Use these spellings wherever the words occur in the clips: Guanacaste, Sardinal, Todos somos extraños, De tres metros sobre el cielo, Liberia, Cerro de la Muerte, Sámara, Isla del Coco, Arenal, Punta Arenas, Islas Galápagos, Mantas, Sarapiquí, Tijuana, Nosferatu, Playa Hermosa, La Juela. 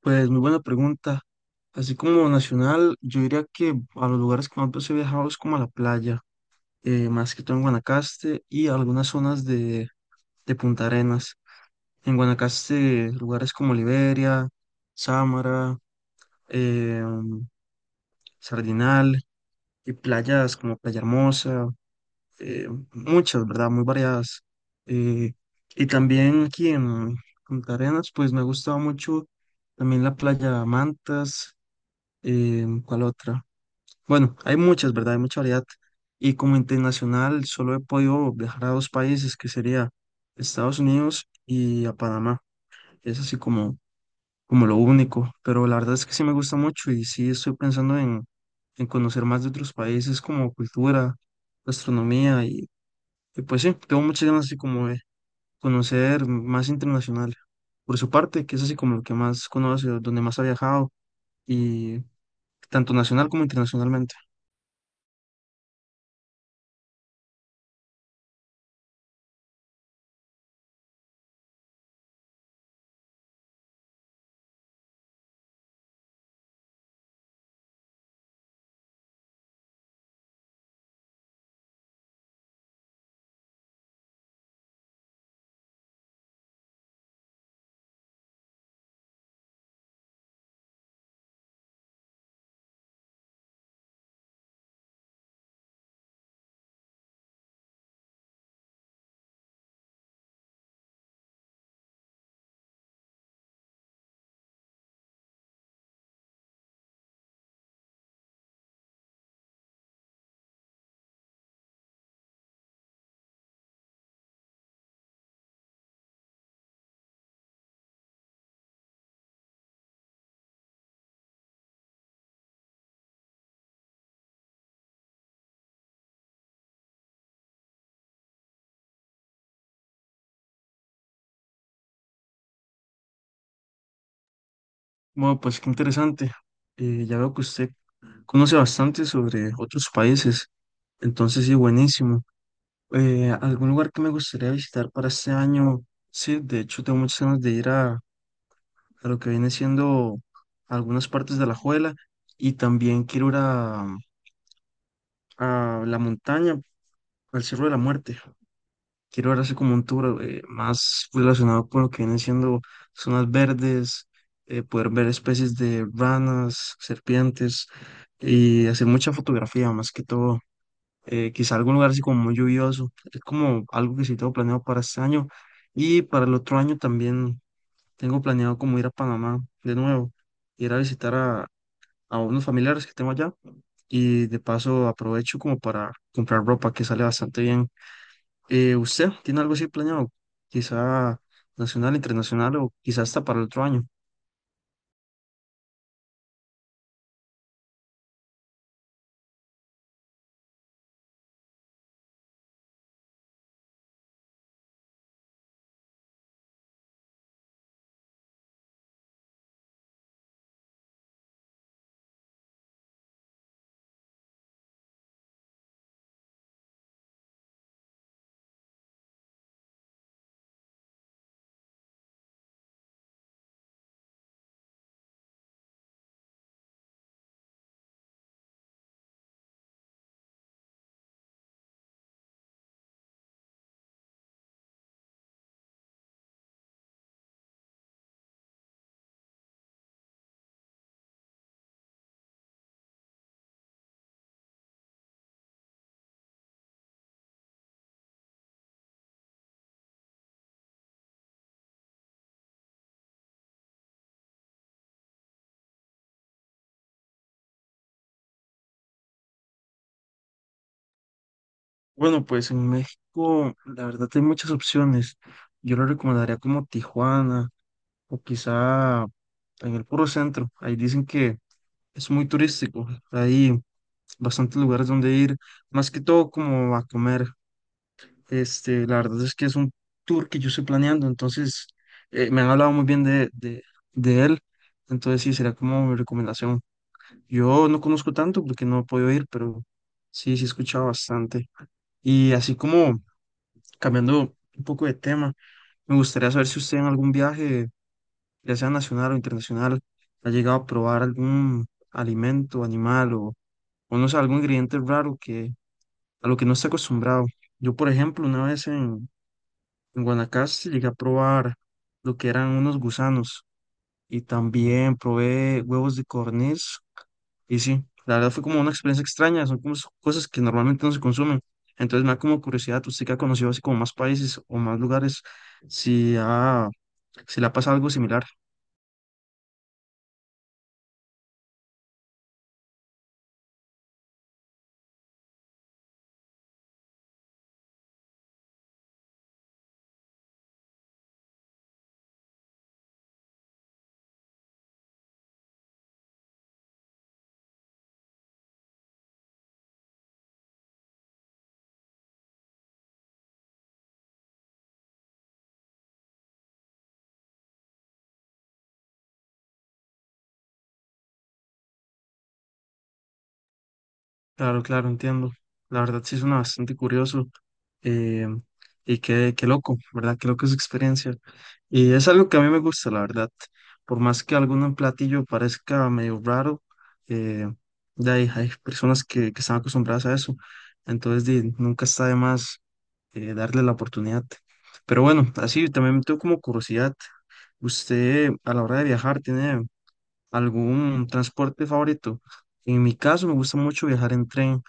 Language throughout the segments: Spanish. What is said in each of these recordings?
Pues muy buena pregunta. Así como nacional, yo diría que a los lugares que más he viajado es como a la playa, más que todo en Guanacaste y algunas zonas de Punta Arenas. En Guanacaste, lugares como Liberia, Sámara, eh, mm, Sardinal y playas como Playa Hermosa, muchas, ¿verdad? Muy variadas. Eh, y también aquí en Punta Arenas, pues me ha gustado mucho también la playa Mantas, ¿cuál otra? Bueno, hay muchas, ¿verdad? Hay mucha variedad. Y como internacional, solo he podido viajar a dos países, que sería Estados Unidos y a Panamá. Es así como lo único. Pero la verdad es que sí me gusta mucho y sí estoy pensando en conocer más de otros países como cultura, gastronomía, y pues sí, tengo muchas ganas así como de conocer más internacional. Por su parte, que es así como lo que más conoce, donde más ha viajado y tanto nacional como internacionalmente. Bueno, pues qué interesante. Ya veo que usted conoce bastante sobre otros países, entonces sí, buenísimo. Algún lugar que me gustaría visitar para este año, sí, de hecho tengo muchas ganas de ir a lo que viene siendo algunas partes de La Juela y también quiero ir a la montaña, al Cerro de la Muerte. Quiero ahora hacer como un tour más relacionado con lo que vienen siendo zonas verdes, poder ver especies de ranas, serpientes y hacer mucha fotografía más que todo. Quizá algún lugar así como muy lluvioso. Es como algo que sí tengo planeado para este año. Y para el otro año también tengo planeado como ir a Panamá de nuevo, ir a visitar a unos familiares que tengo allá. Y de paso aprovecho como para comprar ropa que sale bastante bien. ¿Usted tiene algo así planeado? Quizá nacional, internacional o quizá hasta para el otro año. Bueno, pues en México, la verdad, hay muchas opciones. Yo lo recomendaría como Tijuana o quizá en el puro centro. Ahí dicen que es muy turístico. Hay bastantes lugares donde ir, más que todo como a comer. Este, la verdad es que es un tour que yo estoy planeando, entonces me han hablado muy bien de él. Entonces sí, será como mi recomendación. Yo no conozco tanto porque no he podido ir, pero sí he escuchado bastante. Y así como cambiando un poco de tema, me gustaría saber si usted en algún viaje, ya sea nacional o internacional, ha llegado a probar algún alimento, animal o no sé, algún ingrediente raro que a lo que no está acostumbrado. Yo, por ejemplo, una vez en Guanacaste llegué a probar lo que eran unos gusanos y también probé huevos de codorniz. Y sí, la verdad fue como una experiencia extraña, son como cosas que normalmente no se consumen. Entonces me da como curiosidad, usted que ha conocido así como más países o más lugares, si ha, si le ha pasado algo similar. Claro, claro, entiendo. La verdad sí suena bastante curioso, eh, y qué, qué loco, ¿verdad? Qué loco es experiencia. Y es algo que a mí me gusta, la verdad. Por más que algún platillo parezca medio raro, eh, de ahí hay personas que están acostumbradas a eso. Entonces di, nunca está de más, darle la oportunidad. Pero bueno, así también me tengo como curiosidad. ¿Usted a la hora de viajar tiene algún transporte favorito? En mi caso me gusta mucho viajar en tren,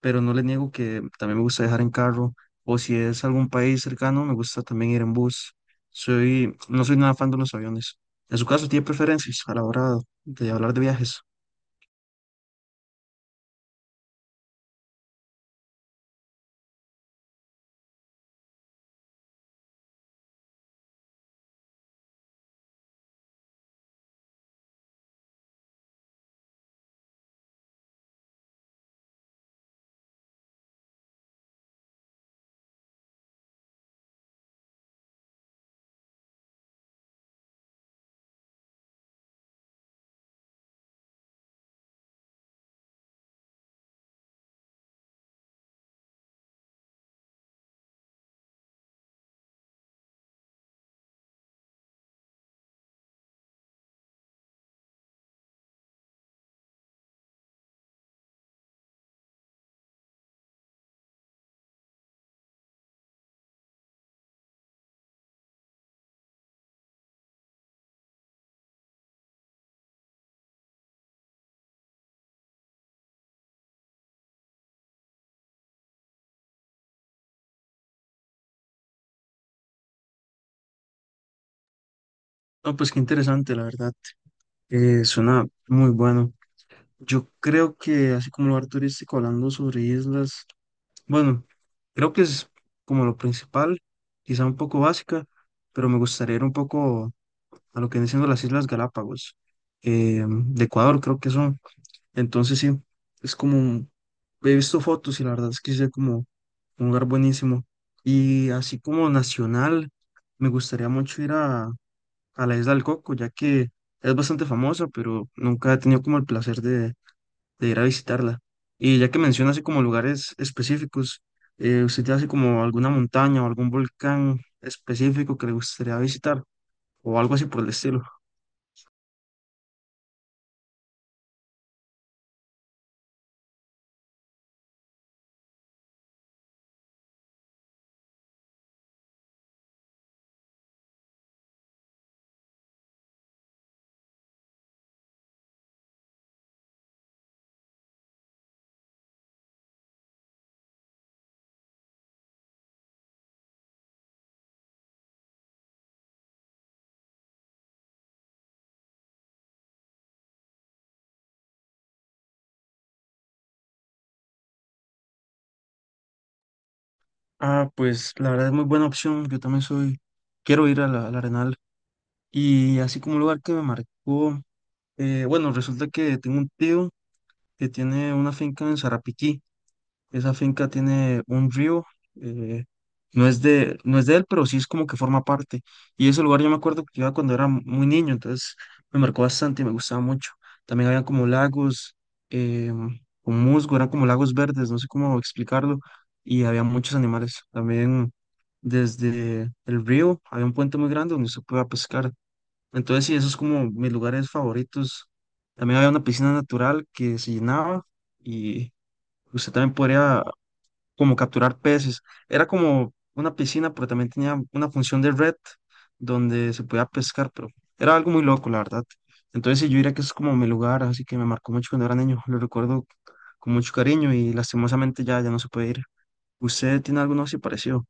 pero no le niego que también me gusta viajar en carro, o si es algún país cercano, me gusta también ir en bus. No soy nada fan de los aviones. En su caso, ¿tiene preferencias a la hora de hablar de viajes? No, pues qué interesante, la verdad. Suena muy bueno. Yo creo que, así como lugar turístico, hablando sobre islas, bueno, creo que es como lo principal, quizá un poco básica, pero me gustaría ir un poco a lo que vienen siendo las Islas Galápagos, de Ecuador, creo que son. Entonces sí, es como, he visto fotos y la verdad es que es como un lugar buenísimo. Y así como nacional, me gustaría mucho ir a la Isla del Coco, ya que es bastante famosa, pero nunca he tenido como el placer de ir a visitarla. Y ya que menciona así como lugares específicos, ¿usted tiene así como alguna montaña o algún volcán específico que le gustaría visitar o algo así por el estilo? Ah, pues la verdad es muy buena opción. Yo también soy, quiero ir a al Arenal. Y así como un lugar que me marcó, bueno, resulta que tengo un tío que tiene una finca en Sarapiquí. Esa finca tiene un río, eh, no es de él, pero sí es como que forma parte. Y ese lugar yo me acuerdo que iba cuando era muy niño, entonces me marcó bastante y me gustaba mucho. También había como lagos, eh, con musgo, eran como lagos verdes, no sé cómo explicarlo, y había muchos animales. También desde el río había un puente muy grande donde se podía pescar. Entonces, sí, esos es como mis lugares favoritos. También había una piscina natural que se llenaba y usted también podría como capturar peces. Era como una piscina, pero también tenía una función de red donde se podía pescar, pero era algo muy loco, la verdad. Entonces, sí, yo diría que es como mi lugar, así que me marcó mucho cuando era niño. Lo recuerdo con mucho cariño y lastimosamente ya no se puede ir. ¿Usted tiene alguno así parecido?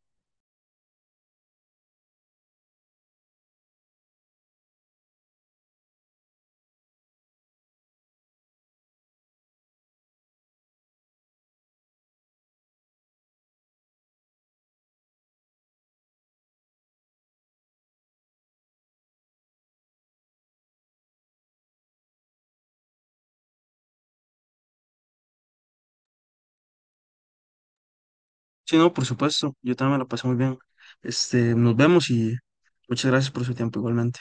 Sí, no, por supuesto. Yo también me la pasé muy bien. Este, nos vemos y muchas gracias por su tiempo igualmente.